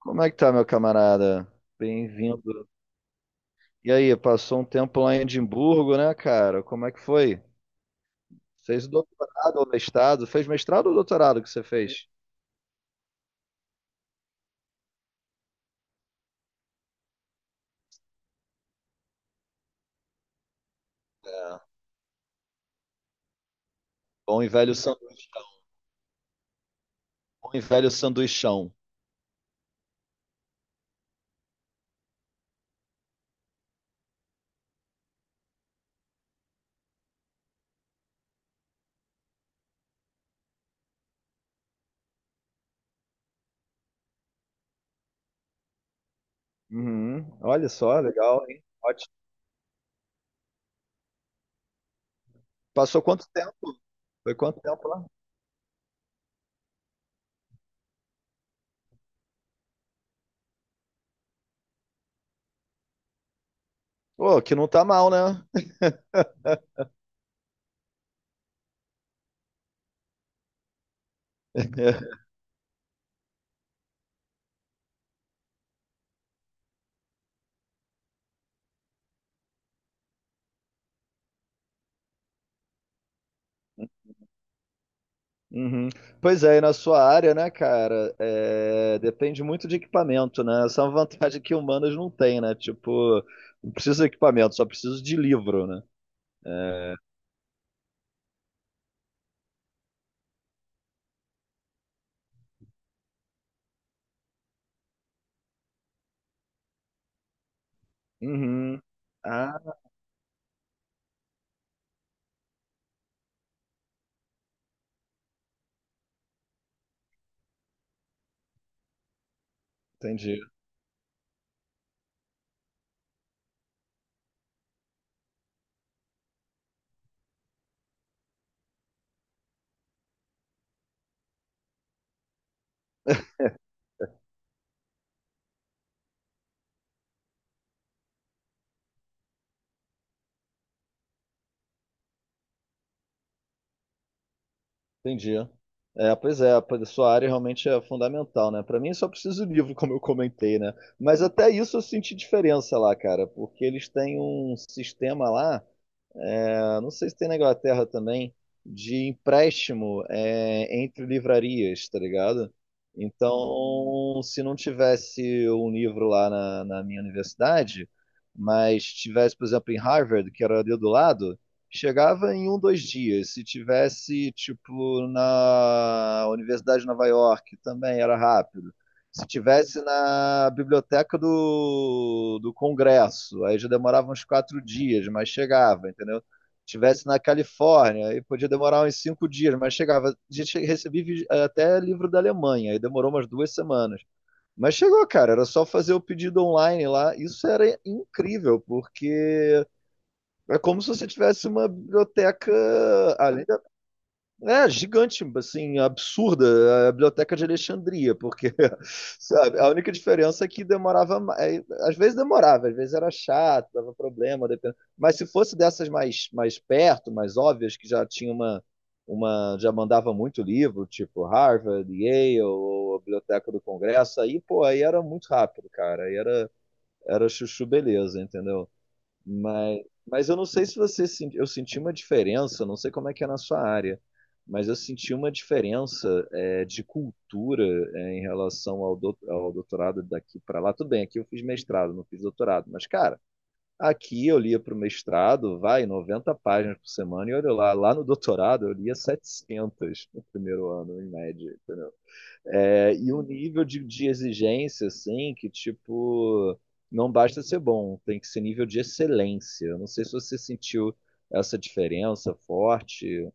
Como é que tá, meu camarada? Bem-vindo. E aí, passou um tempo lá em Edimburgo, né, cara? Como é que foi? Fez doutorado ou mestrado? Fez mestrado ou doutorado que você fez? É. Bom e velho sanduichão. Bom e velho sanduichão. Uhum. Olha só, legal, hein? Ótimo. Passou quanto tempo? Foi quanto tempo lá? Pô, que não tá mal, né? Uhum. Pois é, e na sua área, né, cara, depende muito de equipamento, né? Essa é uma vantagem que humanas não tem, né? Tipo, não preciso de equipamento, só preciso de livro, né? Uhum. Ah, entendi, entendi. É, pois a sua área realmente é fundamental, né? Pra mim só preciso de livro, como eu comentei, né? Mas até isso eu senti diferença lá, cara, porque eles têm um sistema lá. É, não sei se tem na Inglaterra também, de empréstimo entre livrarias, tá ligado? Então, se não tivesse um livro lá na minha universidade, mas tivesse, por exemplo, em Harvard, que era ali do lado, chegava em um, dois dias. Se tivesse, tipo, na Universidade de Nova York, também era rápido. Se tivesse na biblioteca do Congresso, aí já demorava uns 4 dias, mas chegava, entendeu? Estivesse na Califórnia, aí podia demorar uns 5 dias, mas chegava. A gente recebia até livro da Alemanha, aí demorou umas 2 semanas. Mas chegou, cara, era só fazer o pedido online lá. Isso era incrível, porque é como se você tivesse uma biblioteca, além gigante, assim, absurda a Biblioteca de Alexandria, porque, sabe, a única diferença é que demorava, às vezes demorava, às vezes era chato, dava problema, mas se fosse dessas mais perto, mais óbvias, que já tinha uma, já mandava muito livro, tipo Harvard, Yale, ou a Biblioteca do Congresso, aí, pô, aí era muito rápido, cara, aí era chuchu beleza, entendeu? Mas eu não sei se você senti, eu senti uma diferença, não sei como é que é na sua área, mas eu senti uma diferença de cultura em relação ao doutorado daqui para lá. Tudo bem, aqui eu fiz mestrado, não fiz doutorado, mas cara, aqui eu lia para o mestrado, vai 90 páginas por semana e olha lá no doutorado eu lia 700 no primeiro ano, em média, entendeu? É, e um nível de exigência, assim, que, tipo, não basta ser bom, tem que ser nível de excelência. Eu não sei se você sentiu essa diferença forte.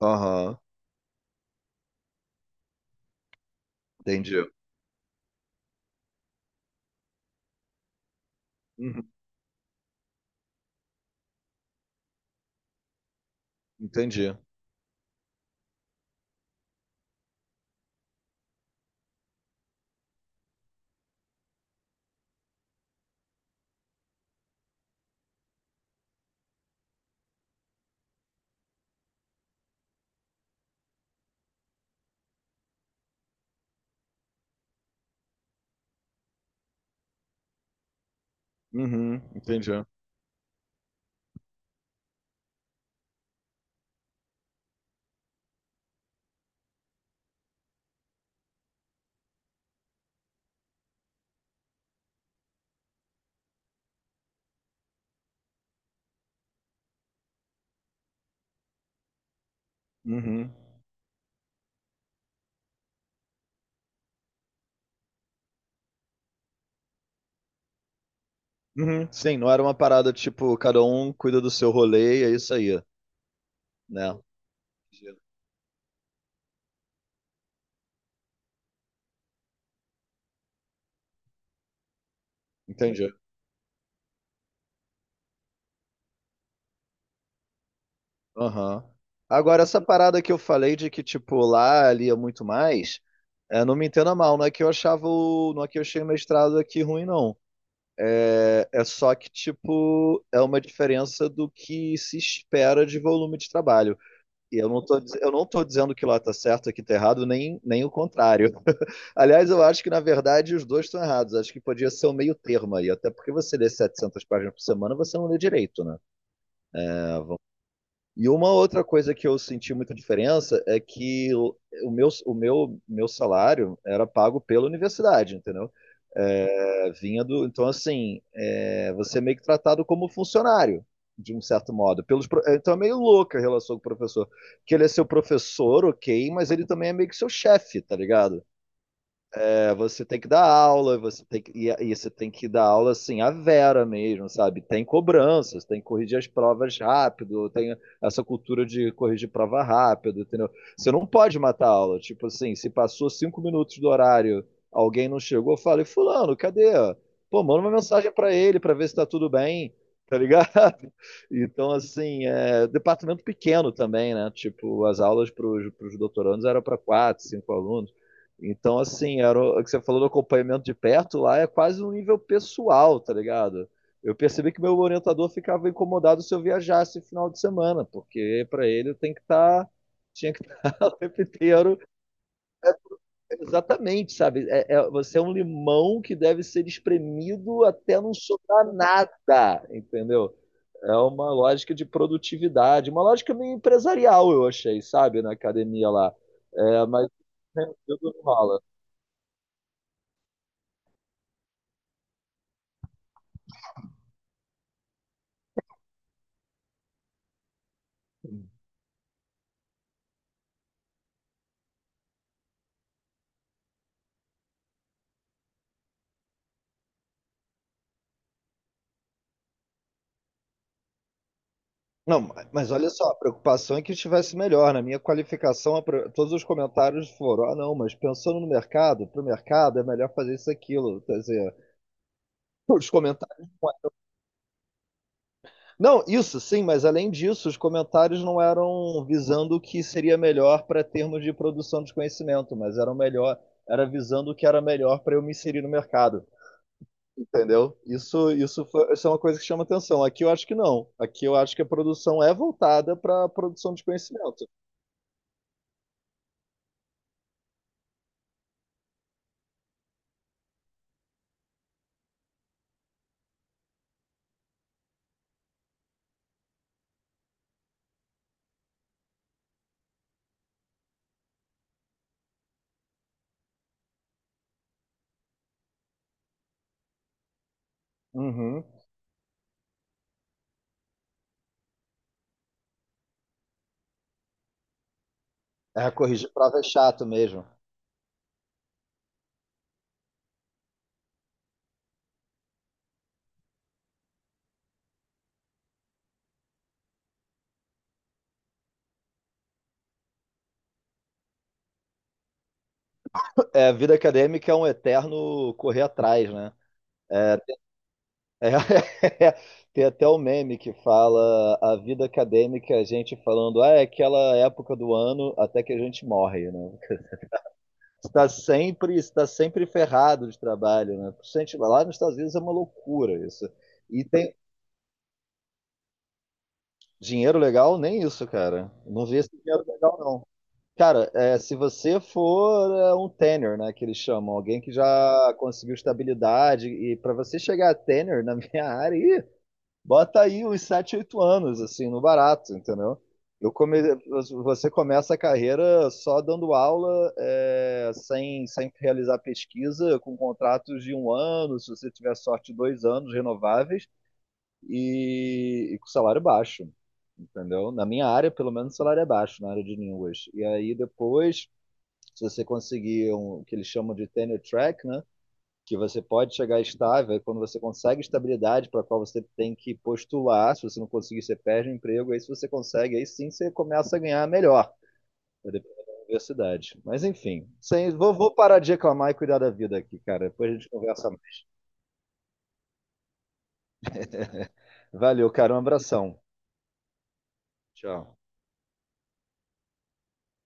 Aham, entendi. Uhum, entendi. Uhum, entendi. Uhum. Uhum. Sim, não era uma parada tipo, cada um cuida do seu rolê e é isso aí, né? Entendi. Aham. Agora, essa parada que eu falei de que, tipo, lá ali é muito mais. É, não me entenda mal, não é que eu achava o, não é que eu achei o mestrado aqui ruim, não. É, é só que, tipo, é uma diferença do que se espera de volume de trabalho. E eu não tô, eu não tô dizendo que lá tá certo, aqui tá errado, nem o contrário. Aliás, eu acho que, na verdade, os dois estão errados. Acho que podia ser o meio termo aí, até porque você lê 700 páginas por semana, você não lê direito, né? E uma outra coisa que eu senti muita diferença é que o meu salário era pago pela universidade, entendeu? É, vinha do. Então, assim, você é meio que tratado como funcionário, de um certo modo. Então, é meio louca a relação com o professor. Que ele é seu professor, ok, mas ele também é meio que seu chefe, tá ligado? É, você tem que dar aula, você tem que, e você tem que dar aula assim, a vera mesmo, sabe? Tem cobranças, tem que corrigir as provas rápido, tem essa cultura de corrigir prova rápido, entendeu? Você não pode matar a aula. Tipo assim, se passou 5 minutos do horário, alguém não chegou, eu falei, fulano, cadê? Pô, manda uma mensagem pra ele pra ver se tá tudo bem, tá ligado? Então, assim, departamento pequeno também, né? Tipo, as aulas pros doutorandos eram para quatro, cinco alunos. Então, assim, era o que você falou do acompanhamento de perto lá é quase um nível pessoal, tá ligado? Eu percebi que meu orientador ficava incomodado se eu viajasse final de semana, porque para ele tem que estar, tinha que estar o tempo inteiro, exatamente, sabe? Você é um limão que deve ser espremido até não sobrar nada, entendeu? É uma lógica de produtividade, uma lógica meio empresarial, eu achei, sabe, na academia lá. É, mas é, tudo rola. Não, mas olha só, a preocupação é que estivesse melhor. Na minha qualificação, todos os comentários foram: ah, não, mas pensando no mercado, para o mercado é melhor fazer isso e aquilo. Quer dizer, os comentários. Não, isso sim, mas além disso, os comentários não eram visando o que seria melhor para termos de produção de conhecimento, mas eram melhor, era visando o que era melhor para eu me inserir no mercado. Entendeu? Isso, isso é uma coisa que chama atenção. Aqui eu acho que não. Aqui eu acho que a produção é voltada para a produção de conhecimento. Uhum. É, corrigir prova é chato mesmo. É, a vida acadêmica é um eterno correr atrás, né? É, é- Tem até o meme que fala a vida acadêmica, é a gente falando, ah, é aquela época do ano até que a gente morre, né? Está sempre ferrado de trabalho, né? Por isso a gente, vai lá nos Estados Unidos é uma loucura isso. E tem dinheiro legal? Nem isso, cara. Não vi esse dinheiro legal, não. Cara, se você for um tenor, né, que eles chamam, alguém que já conseguiu estabilidade, e para você chegar a tenor na minha área, ih, bota aí uns 7, 8 anos, assim, no barato, entendeu? Eu come... Você começa a carreira só dando aula, sem realizar pesquisa, com contratos de um ano, se você tiver sorte, 2 anos renováveis, e com salário baixo, entendeu? Na minha área, pelo menos, o salário é baixo na área de línguas. E aí depois se você conseguir um, o que eles chamam de tenure track, né? Que você pode chegar estável, quando você consegue estabilidade para a qual você tem que postular, se você não conseguir, você perde o emprego, aí se você consegue, aí sim você começa a ganhar melhor, dependendo da universidade. Mas enfim, sem, vou parar de reclamar e cuidar da vida aqui, cara, depois a gente conversa mais. Valeu, cara, um abração. Tchau.